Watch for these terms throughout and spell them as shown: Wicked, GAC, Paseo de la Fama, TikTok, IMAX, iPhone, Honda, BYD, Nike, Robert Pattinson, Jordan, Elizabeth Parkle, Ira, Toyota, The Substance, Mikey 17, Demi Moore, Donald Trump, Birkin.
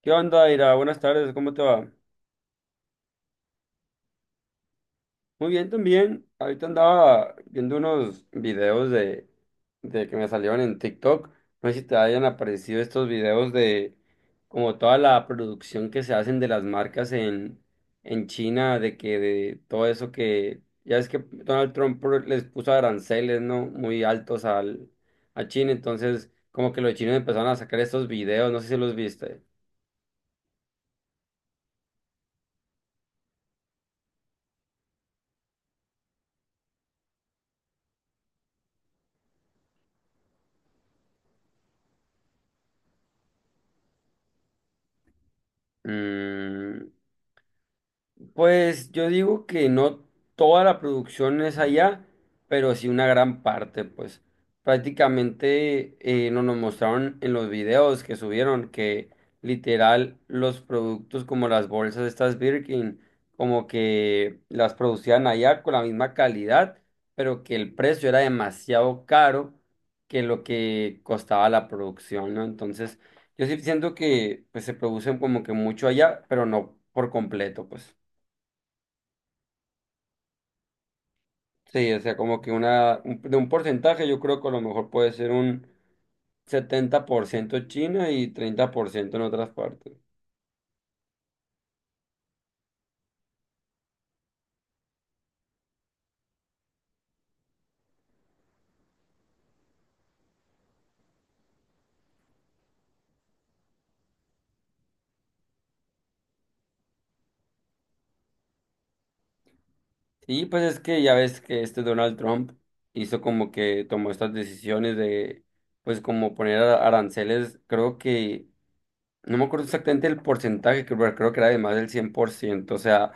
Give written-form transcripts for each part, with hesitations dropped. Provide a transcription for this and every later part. ¿Qué onda, Ira? Buenas tardes, ¿cómo te va? Muy bien también. Ahorita andaba viendo unos videos de que me salieron en TikTok. No sé si te hayan aparecido estos videos de como toda la producción que se hacen de las marcas en China, de que de todo eso que ya es que Donald Trump les puso aranceles, ¿no? Muy altos a China. Entonces como que los chinos empezaron a sacar estos videos, no sé si los viste. Mm. Pues yo digo que no toda la producción es allá, pero sí una gran parte. Pues prácticamente no nos mostraron en los videos que subieron que literal los productos como las bolsas estas Birkin, como que las producían allá con la misma calidad, pero que el precio era demasiado caro que lo que costaba la producción, ¿no? Entonces yo sí siento que pues se producen como que mucho allá, pero no por completo, pues. Sí, o sea, como que de un porcentaje, yo creo que a lo mejor puede ser un 70% China y 30% en otras partes. Y pues es que ya ves que este Donald Trump hizo como que tomó estas decisiones pues como poner aranceles. Creo que, no me acuerdo exactamente el porcentaje, creo, pero creo que era de más del 100%. O sea,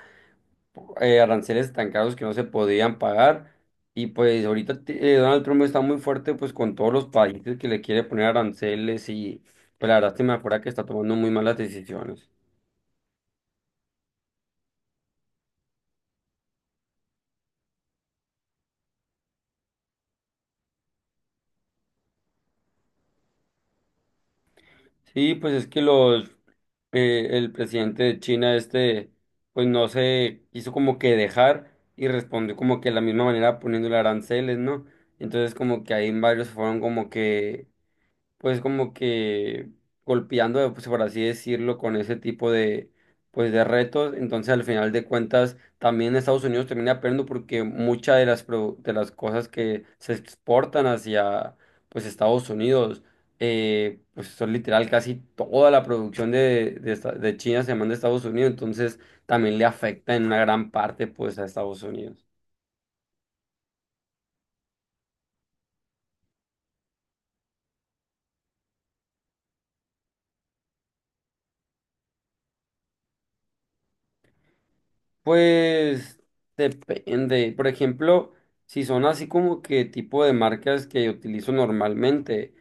aranceles tan caros que no se podían pagar. Y pues ahorita Donald Trump está muy fuerte pues con todos los países que le quiere poner aranceles, y pues la verdad se me acuerda que está tomando muy malas decisiones. Sí, pues es que los el presidente de China este pues no se hizo como que dejar y respondió como que de la misma manera poniéndole aranceles, ¿no? Entonces como que ahí varios fueron como que pues como que golpeando, pues por así decirlo, con ese tipo de, pues de retos. Entonces, al final de cuentas, también Estados Unidos termina perdiendo porque muchas de de las cosas que se exportan hacia, pues, Estados Unidos, pues son literal casi toda la producción de China se manda a Estados Unidos. Entonces, también le afecta en una gran parte, pues, a Estados Unidos. Pues depende. Por ejemplo, si son así como que tipo de marcas que utilizo normalmente,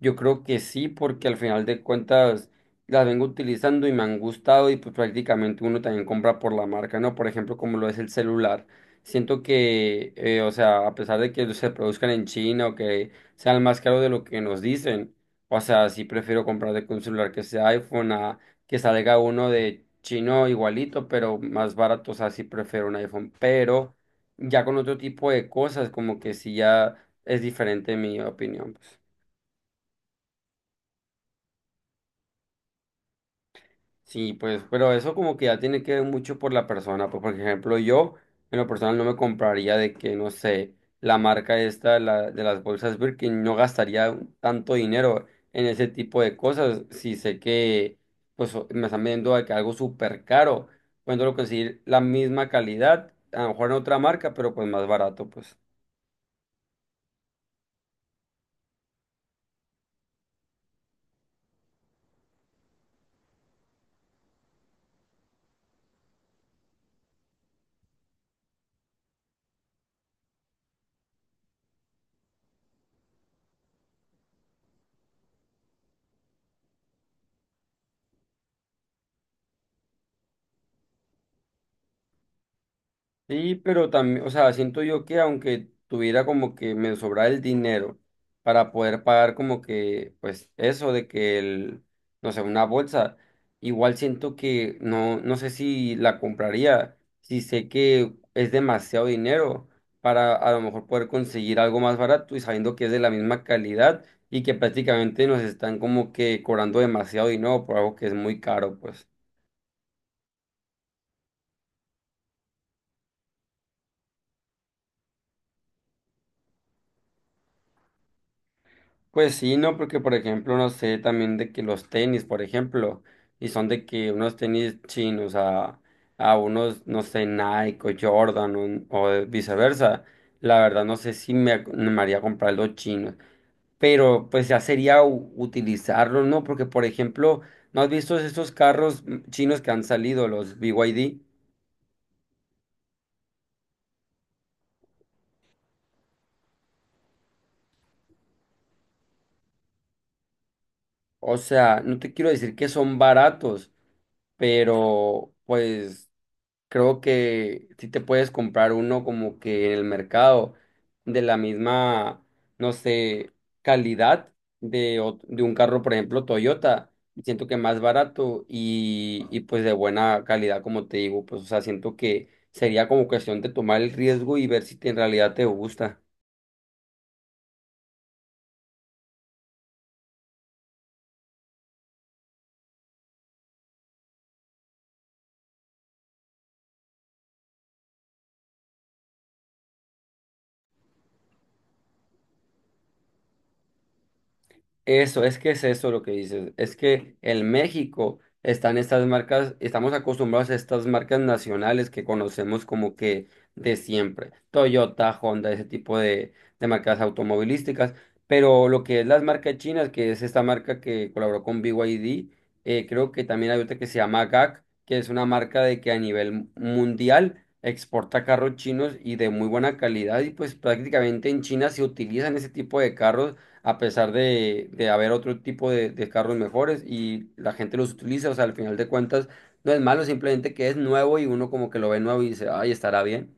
yo creo que sí, porque al final de cuentas las vengo utilizando y me han gustado, y pues prácticamente uno también compra por la marca, ¿no? Por ejemplo, como lo es el celular. Siento que, o sea, a pesar de que se produzcan en China o que sean más caros de lo que nos dicen, o sea, sí prefiero comprar de que un celular que sea iPhone que salga uno de chino igualito, pero más barato. O sea, sí prefiero un iPhone, pero ya con otro tipo de cosas, como que sí ya es diferente mi opinión, pues. Sí, pues, pero eso como que ya tiene que ver mucho por la persona. Pues, por ejemplo, yo en lo personal no me compraría de que, no sé, la marca esta de las bolsas Birkin, no gastaría tanto dinero en ese tipo de cosas si sé que pues me están vendiendo de que algo súper caro. Puedo conseguir la misma calidad, a lo mejor en otra marca, pero pues más barato, pues. Sí, pero también, o sea, siento yo que aunque tuviera como que me sobra el dinero para poder pagar como que, pues eso de que el, no sé, una bolsa, igual siento que no, no sé si la compraría, si sé que es demasiado dinero para a lo mejor poder conseguir algo más barato y sabiendo que es de la misma calidad y que prácticamente nos están como que cobrando demasiado dinero por algo que es muy caro, pues. Pues sí, no, porque por ejemplo, no sé también de que los tenis, por ejemplo, y son de que unos tenis chinos a unos, no sé, Nike o Jordan o viceversa, la verdad no sé si me haría comprar los chinos, pero pues ya sería utilizarlos, ¿no? Porque por ejemplo, ¿no has visto esos carros chinos que han salido, los BYD? O sea, no te quiero decir que son baratos, pero pues creo que sí te puedes comprar uno como que en el mercado de la misma, no sé, calidad de un carro, por ejemplo, Toyota. Siento que más barato y pues de buena calidad, como te digo, pues o sea, siento que sería como cuestión de tomar el riesgo y ver si en realidad te gusta. Eso, es que es eso lo que dices. Es que en México están estas marcas, estamos acostumbrados a estas marcas nacionales que conocemos como que de siempre. Toyota, Honda, ese tipo de marcas automovilísticas. Pero lo que es las marcas chinas, que es esta marca que colaboró con BYD, creo que también hay otra que se llama GAC, que es una marca de que a nivel mundial exporta carros chinos y de muy buena calidad. Y pues prácticamente en China se utilizan ese tipo de carros a pesar de haber otro tipo de carros mejores y la gente los utiliza, o sea, al final de cuentas no es malo, simplemente que es nuevo y uno como que lo ve nuevo y dice, ay, estará bien.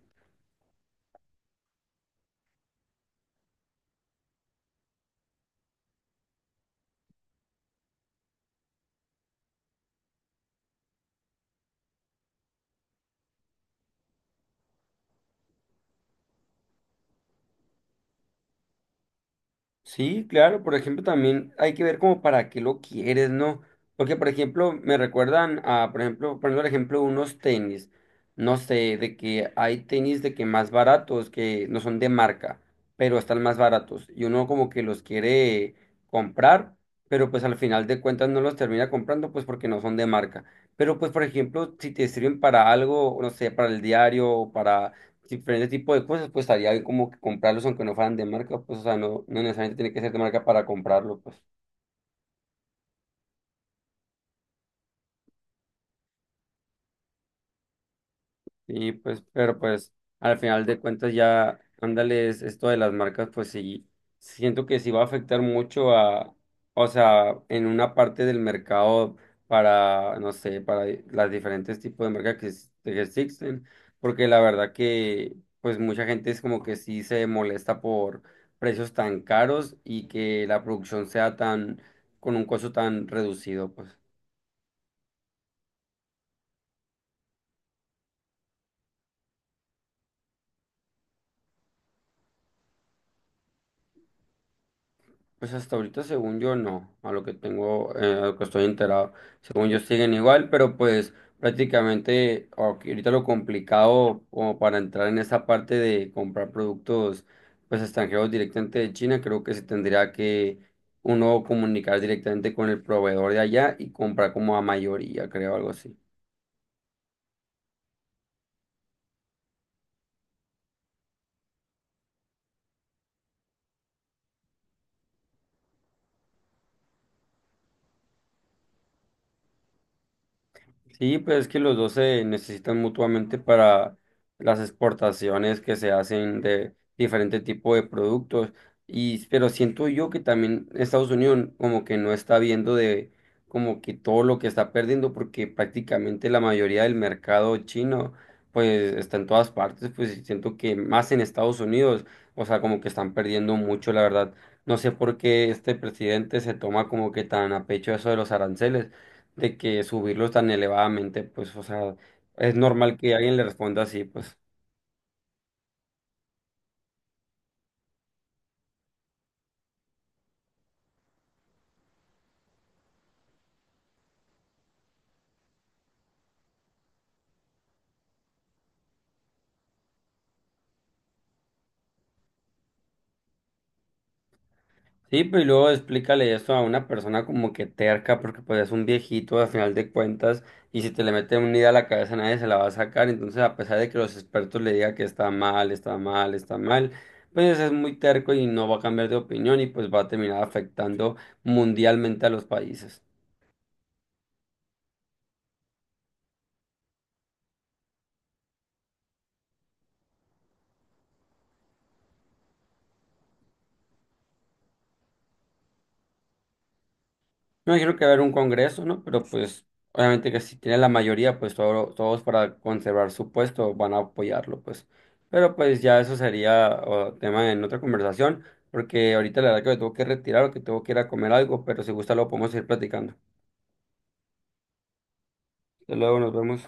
Sí, claro, por ejemplo, también hay que ver como para qué lo quieres, ¿no? Porque, por ejemplo, me recuerdan a, por ejemplo, poniendo el ejemplo, unos tenis, no sé, de que hay tenis de que más baratos, que no son de marca, pero están más baratos, y uno como que los quiere comprar, pero pues al final de cuentas no los termina comprando, pues porque no son de marca. Pero pues, por ejemplo, si te sirven para algo, no sé, para el diario o para diferentes tipos de cosas, pues estaría bien como que comprarlos aunque no fueran de marca, pues o sea, no, no necesariamente tiene que ser de marca para comprarlo, pues. Y pues, pero pues al final de cuentas ya, ándales, esto de las marcas, pues sí, siento que sí va a afectar mucho a, o sea, en una parte del mercado para, no sé, para las diferentes tipos de marcas que, que existen, porque la verdad que, pues mucha gente es como que sí se molesta por precios tan caros y que la producción sea tan, con un costo tan reducido, pues. Pues hasta ahorita, según yo, no, a lo que tengo, a lo que estoy enterado, según yo siguen igual, pero pues prácticamente ok, ahorita lo complicado como para entrar en esa parte de comprar productos pues extranjeros directamente de China, creo que se tendría que uno comunicar directamente con el proveedor de allá y comprar como a mayoría, creo, algo así. Sí, pues es que los dos se necesitan mutuamente para las exportaciones que se hacen de diferente tipo de productos. Y, pero siento yo que también Estados Unidos como que no está viendo de como que todo lo que está perdiendo, porque prácticamente la mayoría del mercado chino pues está en todas partes, pues y siento que más en Estados Unidos, o sea, como que están perdiendo mucho, la verdad. No sé por qué este presidente se toma como que tan a pecho eso de los aranceles de que subirlos tan elevadamente, pues, o sea, es normal que alguien le responda así, pues. Sí, pero y luego explícale eso a una persona como que terca, porque pues es un viejito al final de cuentas, y si te le mete una idea a la cabeza nadie se la va a sacar, entonces a pesar de que los expertos le digan que está mal, está mal, está mal, pues es muy terco y no va a cambiar de opinión y pues va a terminar afectando mundialmente a los países. Me imagino que va a haber un congreso, ¿no? Pero pues obviamente que si tiene la mayoría, pues todos para conservar su puesto van a apoyarlo, pues. Pero pues ya eso sería tema en otra conversación, porque ahorita la verdad que me tengo que retirar o que tengo que ir a comer algo, pero si gusta lo podemos ir platicando. Hasta luego, nos vemos.